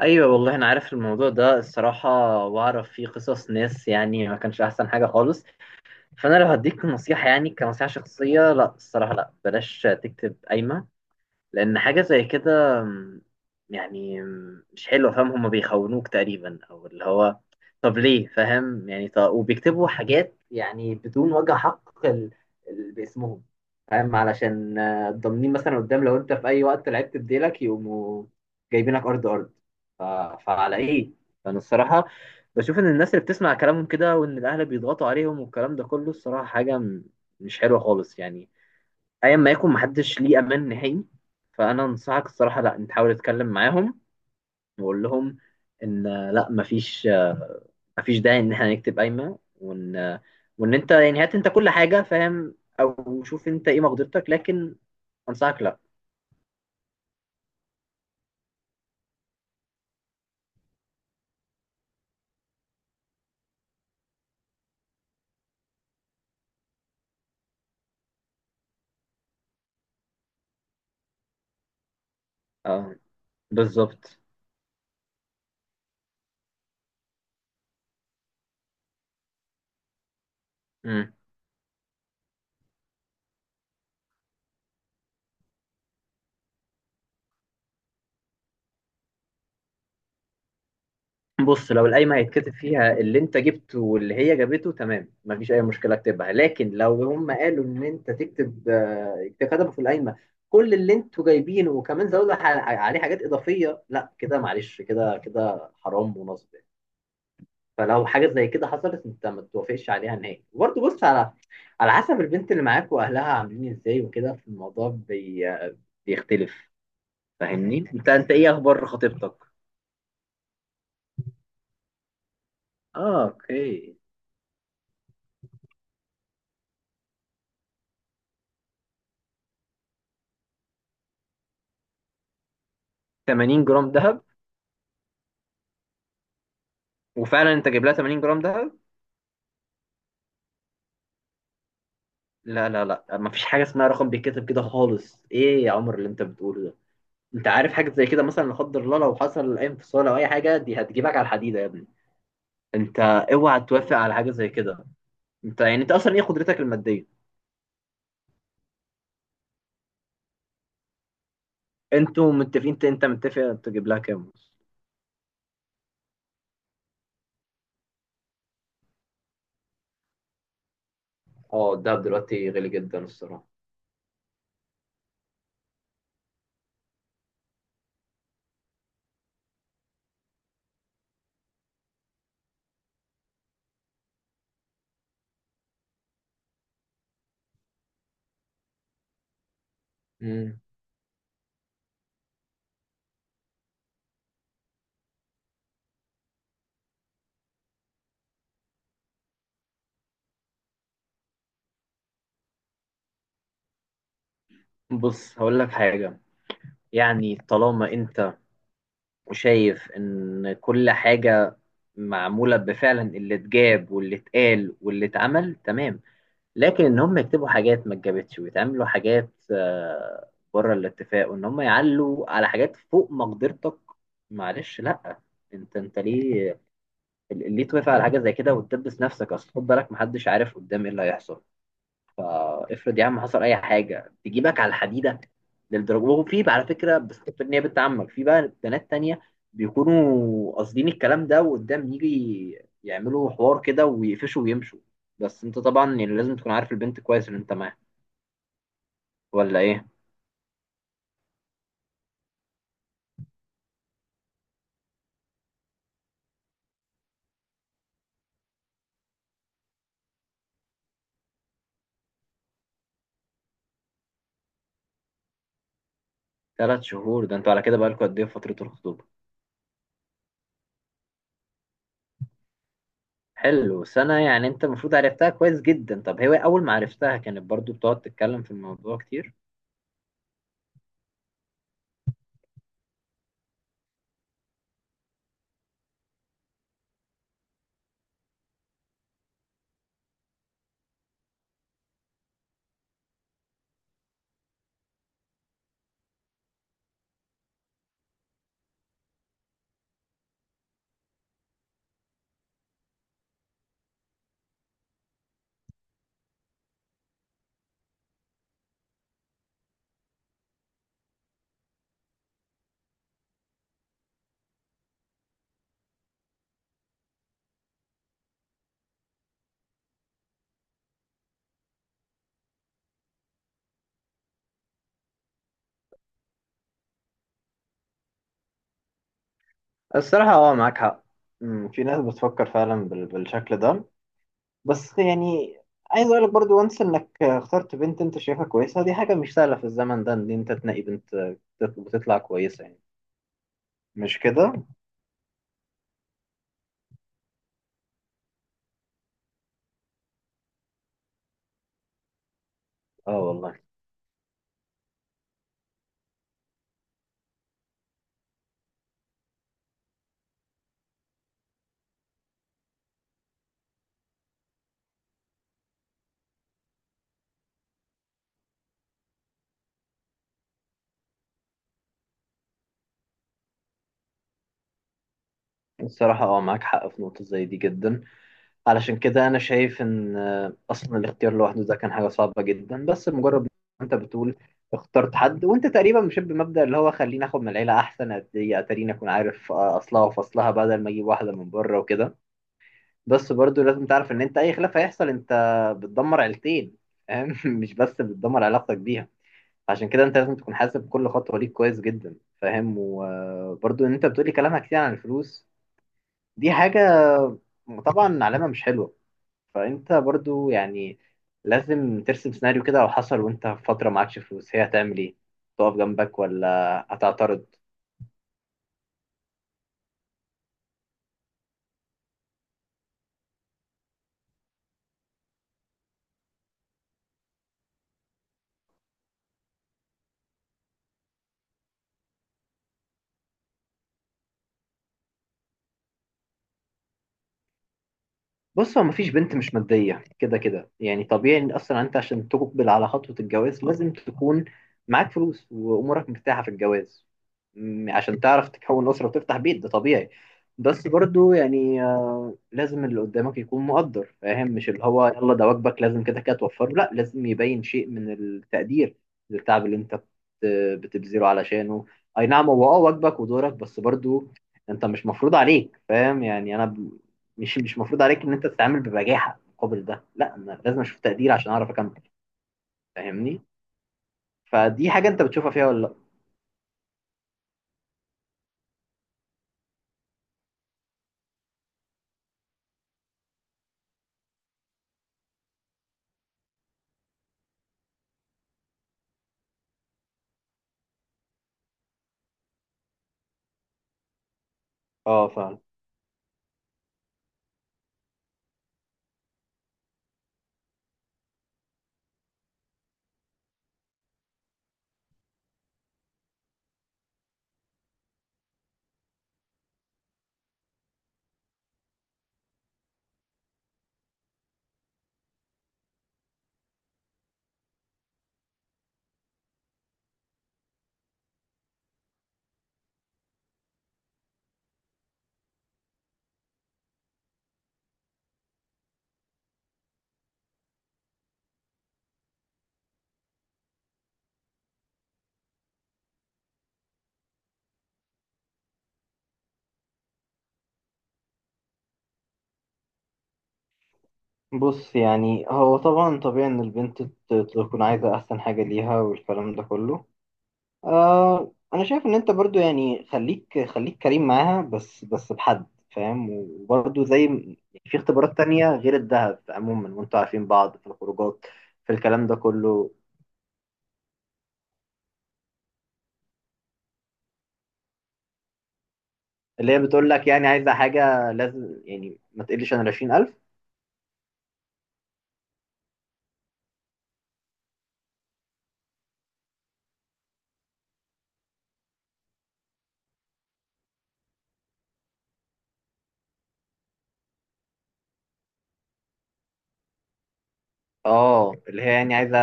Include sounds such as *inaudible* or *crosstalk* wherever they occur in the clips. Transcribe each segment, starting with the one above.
ايوه والله انا عارف الموضوع ده الصراحه، واعرف فيه قصص ناس يعني ما كانش احسن حاجه خالص. فانا لو هديك نصيحه، يعني كنصيحه شخصيه، لا الصراحه لا، بلاش تكتب قايمه. لأن حاجة زي كده م، يعني م، مش حلوة، فاهم؟ هما بيخونوك تقريبا، أو اللي هو طب ليه؟ فاهم يعني؟ طب وبيكتبوا حاجات يعني بدون وجه حق باسمهم. فاهم؟ علشان ضامنين مثلا قدام لو أنت في أي وقت لعبت بديلك يقوموا جايبينك أرض أرض. ف... فعلى إيه؟ فأنا الصراحة بشوف إن الناس اللي بتسمع كلامهم كده، وإن الأهل بيضغطوا عليهم والكلام ده كله، الصراحة حاجة مش حلوة خالص يعني. ايا ما يكون، محدش ليه امان نهائي. فانا انصحك الصراحه لا، انت حاول تتكلم معاهم وقول لهم ان آه، لا مفيش مفيش داعي ان احنا نكتب قايمه، وان وان انت يعني هات انت كل حاجه، فاهم؟ او شوف انت ايه مقدرتك، لكن انصحك لا. اه، بالظبط. بص، لو القايمة هيتكتب فيها اللي انت جبته واللي هي جابته تمام، مفيش أي مشكلة، اكتبها. لكن لو هم قالوا إن انت تكتب كتبوا في القايمة كل اللي انتوا جايبينه، وكمان زودوا عليه حاجات إضافية، لا كده معلش، كده كده حرام ونصب يعني. فلو حاجة زي كده حصلت، انت ما توافقش عليها نهائي. وبرضه بص على على حسب البنت اللي معاك وأهلها عاملين ازاي وكده، في الموضوع بيختلف. فاهمني؟ انت ايه أخبار خطيبتك؟ اه، اوكي. 80 جرام دهب؟ وفعلا انت جايب لها 80 جرام دهب؟ لا، مفيش حاجه اسمها رقم بيتكتب كده خالص. ايه يا عمر اللي انت بتقوله ده؟ انت عارف حاجه زي كده مثلا، لا قدر الله لو حصل اي انفصال او اي حاجه، دي هتجيبك على الحديده يا ابني. انت اوعى توافق على حاجه زي كده. انت يعني انت اصلا ايه قدرتك الماديه؟ انتوا متفقين؟ انت متفق تجيب لها كام؟ اه الدهب دلوقتي غالي جدا الصراحه. مم. بص هقول لك حاجه، يعني طالما انت شايف ان كل حاجة معمولة بفعلا، اللي اتجاب واللي اتقال واللي اتعمل تمام. لكن ان هم يكتبوا حاجات ما اتجابتش، ويتعملوا حاجات بره الاتفاق، وان هم يعلوا على حاجات فوق مقدرتك، معلش لا. انت ليه، ليه توافق على حاجة زي كده وتدبس نفسك؟ اصل خد بالك، محدش عارف قدام ايه اللي هيحصل. افرض يا عم حصل اي حاجه تجيبك على الحديده، للدرجه. وفي بقى على فكره، بس ان هي بنت عمك، في بقى بنات تانية بيكونوا قاصدين الكلام ده وقدام يجي يعملوا حوار كده ويقفشوا ويمشوا. بس انت طبعا يعني لازم تكون عارف البنت كويس اللي انت معاها، ولا ايه؟ ثلاث شهور؟ ده انتوا على كده بقالكوا قد ايه في فتره الخطوبه؟ حلو، سنه يعني انت المفروض عرفتها كويس جدا. طب هي اول ما عرفتها كانت برضو بتقعد تتكلم في الموضوع كتير؟ الصراحة اه، معاك حق. مم، في ناس بتفكر فعلا بالشكل ده. بس يعني عايز اقول لك برضو، وانس انك اخترت بنت انت شايفها كويسه، دي حاجه مش سهله في الزمن ده ان انت تنقي بنت بتطلع كويسه يعني، مش كده؟ اه والله. الصراحه اه معاك حق في نقطه زي دي جدا. علشان كده انا شايف ان اصلا الاختيار لوحده ده كان حاجه صعبه جدا. بس مجرد ما انت بتقول اخترت حد، وانت تقريبا مشيت بمبدأ اللي هو خليني اخد من العيله احسن، اتاريني اكون عارف اصلها وفصلها بدل ما اجيب واحده من بره وكده. بس برضو لازم تعرف ان انت اي خلاف هيحصل، انت بتدمر عيلتين، فاهم؟ *laughs* مش بس بتدمر علاقتك بيها. عشان كده انت لازم تكون حاسب كل خطوة ليك كويس جدا، فاهم؟ وبرضو ان انت بتقولي كلامها كتير عن الفلوس، دي حاجة طبعا علامة مش حلوة. فانت برضو يعني لازم ترسم سيناريو كده، لو حصل وانت في فترة معكش فلوس، هي هتعمل ايه؟ تقف جنبك ولا هتعترض؟ بص، هو مفيش بنت مش مادية كده كده، يعني طبيعي. ان اصلا انت عشان تقبل على خطوة الجواز لازم تكون معاك فلوس وامورك مرتاحة في الجواز، عشان تعرف تكون أسرة وتفتح بيت، ده طبيعي. بس برضو يعني لازم اللي قدامك يكون مقدر، فاهم؟ مش اللي هو يلا ده واجبك لازم كده كده توفره، لا لازم يبين شيء من التقدير للتعب اللي انت بتبذله علشانه. اي نعم هو اه واجبك ودورك، بس برضو انت مش مفروض عليك، فاهم يعني؟ انا مش مفروض عليك ان انت تتعامل ببجاحه مقابل ده، لا انا لازم اشوف تقدير عشان اعرف اكمل. فاهمني؟ فدي حاجه انت بتشوفها فيها ولا لا؟ اه فعلا. بص يعني هو طبعا طبيعي ان البنت تكون عايزه احسن حاجه ليها والكلام ده كله. آه انا شايف ان انت برضو يعني خليك كريم معاها، بس بحد، فاهم؟ وبرضو زي في اختبارات تانية غير الذهب عموما، وانتوا عارفين بعض في الخروجات، في الكلام ده كله. اللي هي بتقول لك يعني عايزه حاجه لازم يعني ما تقلش عن 20,000؟ اه اللي هي يعني عايزه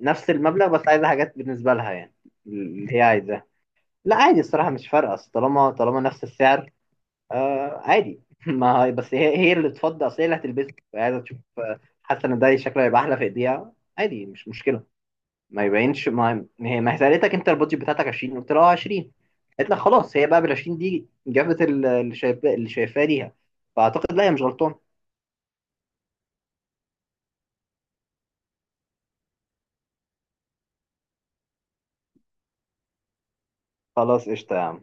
نفس المبلغ بس عايزه حاجات بالنسبه لها يعني، اللي هي عايزاه. لا عادي الصراحه، مش فارقه، أصل طالما نفس السعر. آه عادي. *laughs* ما هي- بس هي، هي اللي تفضل، اصل هي اللي هتلبسه، فهي عايزه تشوف، حاسه ان ده شكله هيبقى احلى في ايديها. عادي مش مشكله. ما يبينش، ما هي سالتك انت البادجت بتاعتك 20؟ قلت لها 20، قالت لك خلاص. هي بقى بال 20 دي جابت اللي شايفاه، اللي شايفاه ليها. فاعتقد لا هي مش غلطان. خلاص قشطه يا عم.